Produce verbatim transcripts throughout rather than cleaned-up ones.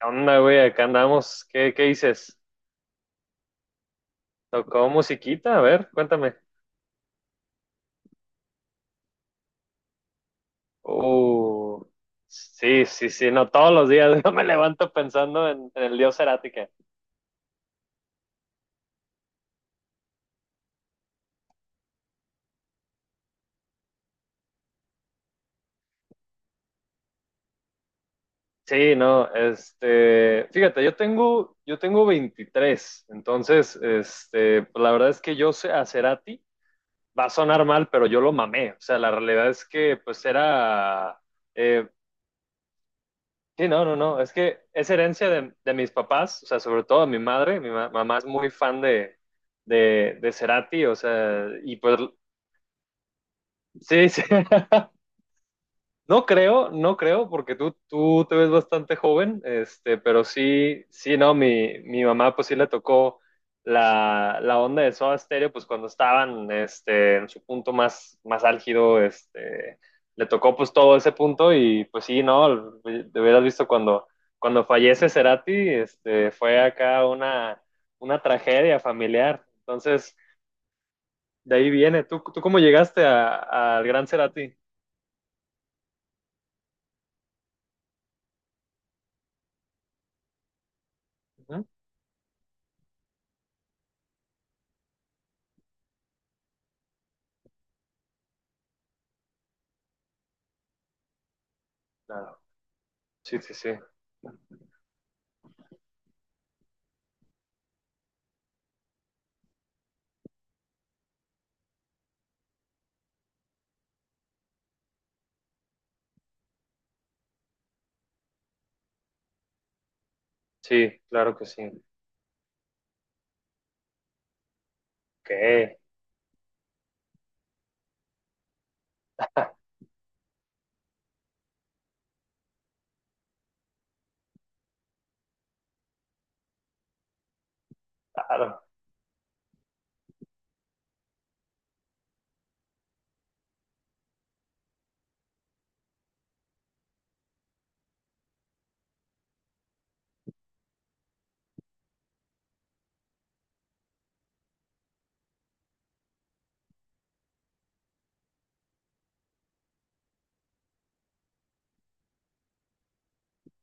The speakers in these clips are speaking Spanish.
¿Qué onda, güey? Acá andamos. ¿Qué, qué dices? ¿Tocó musiquita? A ver, cuéntame. Uh, sí, sí, sí, no, todos los días yo me levanto pensando en, en el dios Cerati que- Sí, no, este, fíjate, yo tengo, yo tengo veintitrés. Entonces, este, pues, la verdad es que yo sé a Cerati, va a sonar mal, pero yo lo mamé, o sea, la realidad es que, pues, era, eh, Sí, no, no, no. Es que es herencia de, de mis papás, o sea, sobre todo de mi madre. Mi ma- mamá es muy fan de, de, de Cerati, o sea, y pues sí, sí. No creo, no creo, porque tú, tú te ves bastante joven, este, pero sí, sí, no, mi, mi mamá pues sí le tocó la, la onda de Soda Stereo, pues cuando estaban este, en su punto más, más álgido, este, le tocó pues todo ese punto y pues sí, no, te hubieras visto cuando, cuando fallece Cerati, este, fue acá una, una tragedia familiar, entonces de ahí viene. ¿Tú, tú cómo llegaste a- al gran Cerati? Ujú. Claro. Sí, sí, sí. Sí, claro que sí. Qué claro.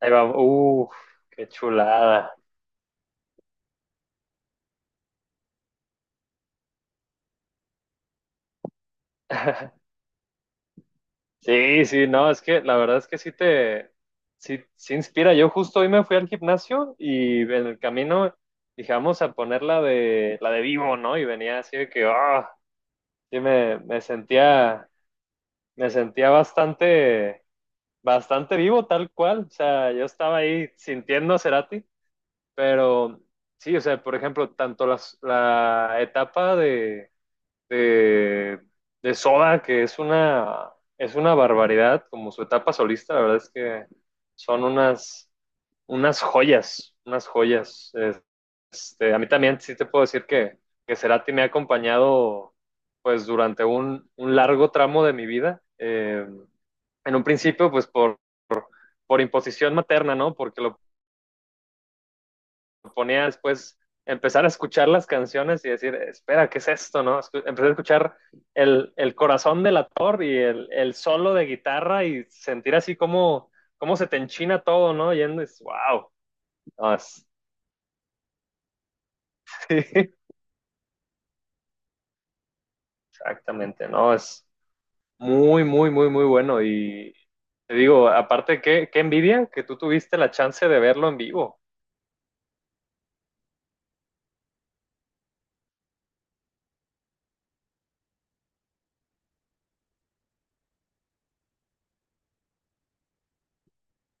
Ahí vamos. Uf, qué chulada. Sí, sí, no, es que la verdad es que sí te, sí, sí inspira. Yo justo hoy me fui al gimnasio y en el camino dije, vamos a poner la de, la de vivo, ¿no? Y venía así de que, ah, sí me, me sentía, me sentía bastante, bastante vivo tal cual. O sea, yo estaba ahí sintiendo a Cerati, pero sí, o sea, por ejemplo, tanto las, la etapa de de, de Soda, que es una, es una barbaridad, como su etapa solista, la verdad es que son unas, unas joyas, unas joyas. Es- Este, a mí también sí te puedo decir que, que Cerati me ha acompañado pues durante un, un largo tramo de mi vida. Eh, en un principio, pues por, por imposición materna, ¿no? Porque lo ponía después empezar a escuchar las canciones y decir, espera, ¿qué es esto?, ¿no? Empecé a escuchar el, el corazón del actor y el, el, solo de guitarra y sentir así como, como se te enchina todo, ¿no? Yendo y es, wow. No, es, exactamente, ¿no? Es muy, muy, muy, muy bueno. Y te digo, aparte, qué, qué envidia que tú tuviste la chance de verlo en vivo.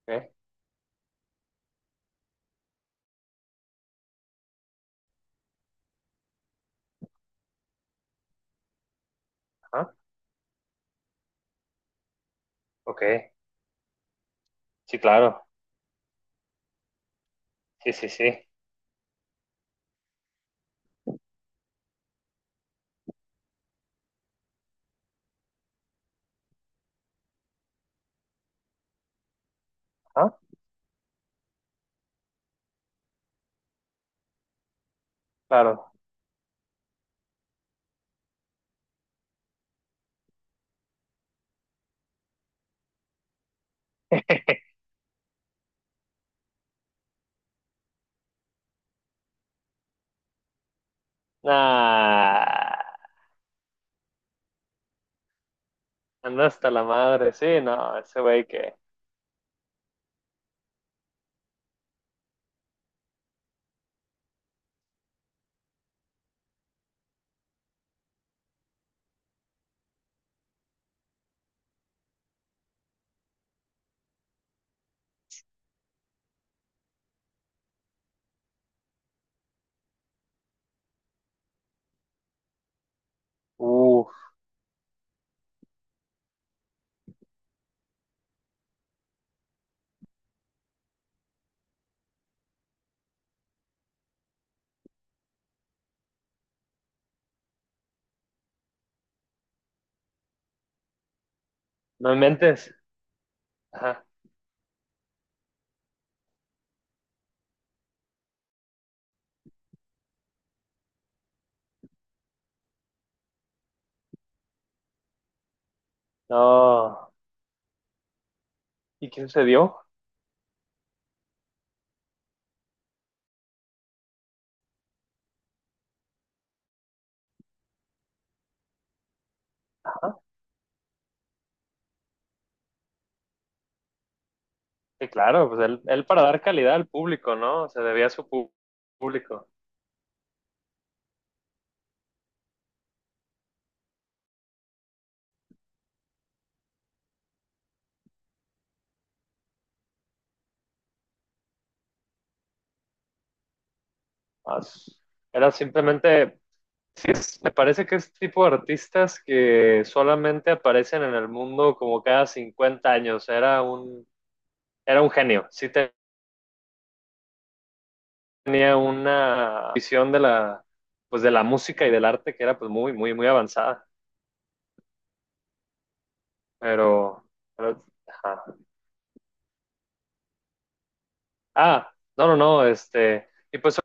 ¿Eh? ¿Ah? Ok, sí, claro. Sí, sí, sí. ¿Ah? Claro. Ah. Anda hasta la madre, sí, no, ese güey que, uff, no inventes, ajá, no, ¿y quién se dio? Ajá, sí, claro, pues él, él para dar calidad al público, ¿no? Se debía a su pu- público. Ah, s- Era simplemente, sí, es- me parece que es tipo de artistas que solamente aparecen en el mundo como cada cincuenta años, era un, era un genio, sí tenía una visión de la, pues de la música y del arte que era pues muy, muy, muy avanzada. Pero, pero- ajá. Ah, no, no, no, este, y pues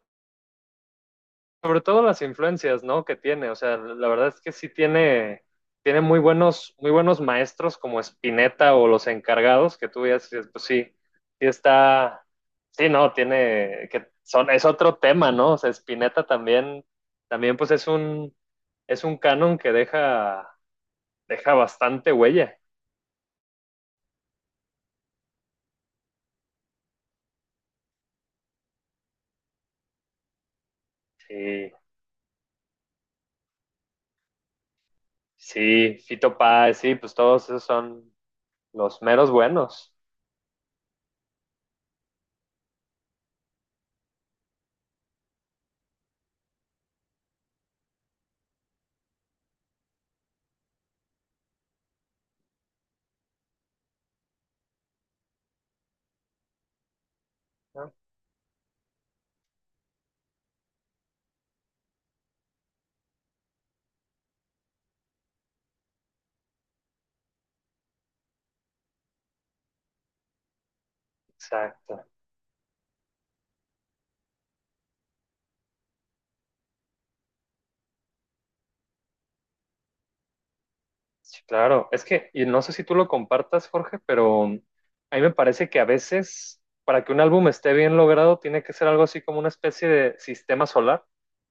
sobre todo las influencias, ¿no? Que tiene, o sea, la verdad es que sí tiene, tiene muy buenos, muy buenos maestros como Spinetta o los encargados, que tú ya dices, pues sí, sí está, sí, no, tiene, que son, es otro tema, ¿no? O sea, Spinetta también, también pues es un, es un canon que deja, deja bastante huella, sí. Sí, Fito Páez, sí, pues todos esos son, los meros buenos. ¿No? Exacto. Sí, claro. Es que, y no sé si tú lo compartas, Jorge, pero a mí me parece que a veces, para que un álbum esté bien logrado, tiene que ser algo así como una especie de sistema solar,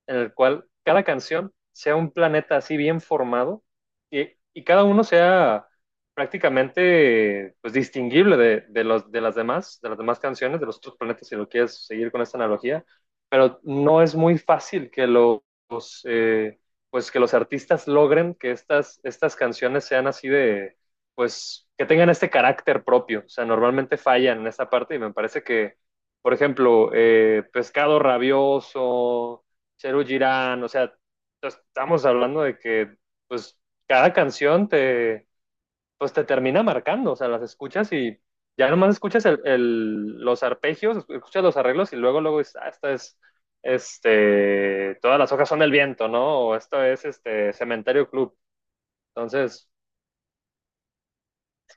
en el cual cada canción sea un planeta así bien formado y, y cada uno sea prácticamente pues, distinguible de, de los, de las demás, de las demás canciones, de los otros planetas, si lo quieres seguir con esta analogía, pero no es muy fácil que los, eh, pues que los artistas logren que estas, estas canciones sean así de, pues, que tengan este carácter propio. O sea, normalmente fallan en esta parte y me parece que, por ejemplo, eh, Pescado Rabioso, Cheru Girán, o sea, estamos hablando de que, pues, cada canción te, pues te termina marcando, o sea, las escuchas y ya nomás escuchas el, el- los arpegios, escuchas los arreglos y luego, luego dices, ah, esta es, este, todas las hojas son del viento, ¿no? O esto es, este, Cementerio Club. Entonces,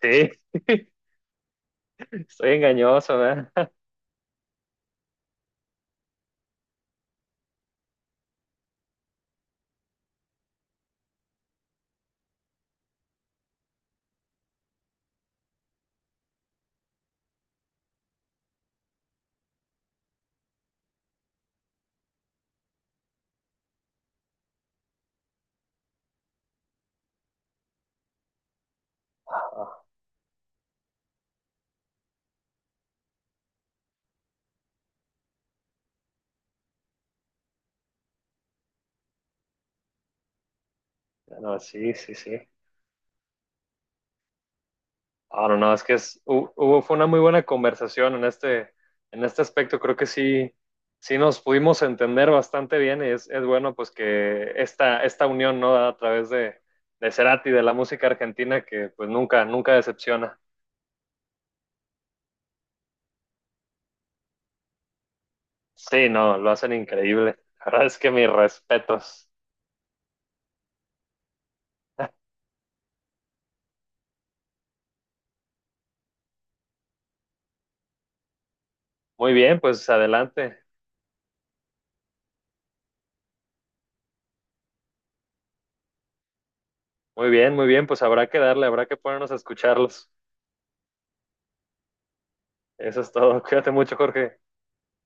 sí, estoy engañoso, ¿verdad? No, sí, sí, sí. Ah, no, no, es que es, hu- hubo, fue una muy buena conversación en este, en este aspecto. Creo que sí, sí nos pudimos entender bastante bien y es, es bueno pues que esta, esta unión, ¿no? A través de, de Cerati, de la música argentina, que pues nunca, nunca decepciona. Sí, no, lo hacen increíble. La verdad es que mis respetos. Muy bien, pues adelante. Muy bien, muy bien, pues habrá que darle, habrá que ponernos a escucharlos. Eso es todo. Cuídate mucho, Jorge.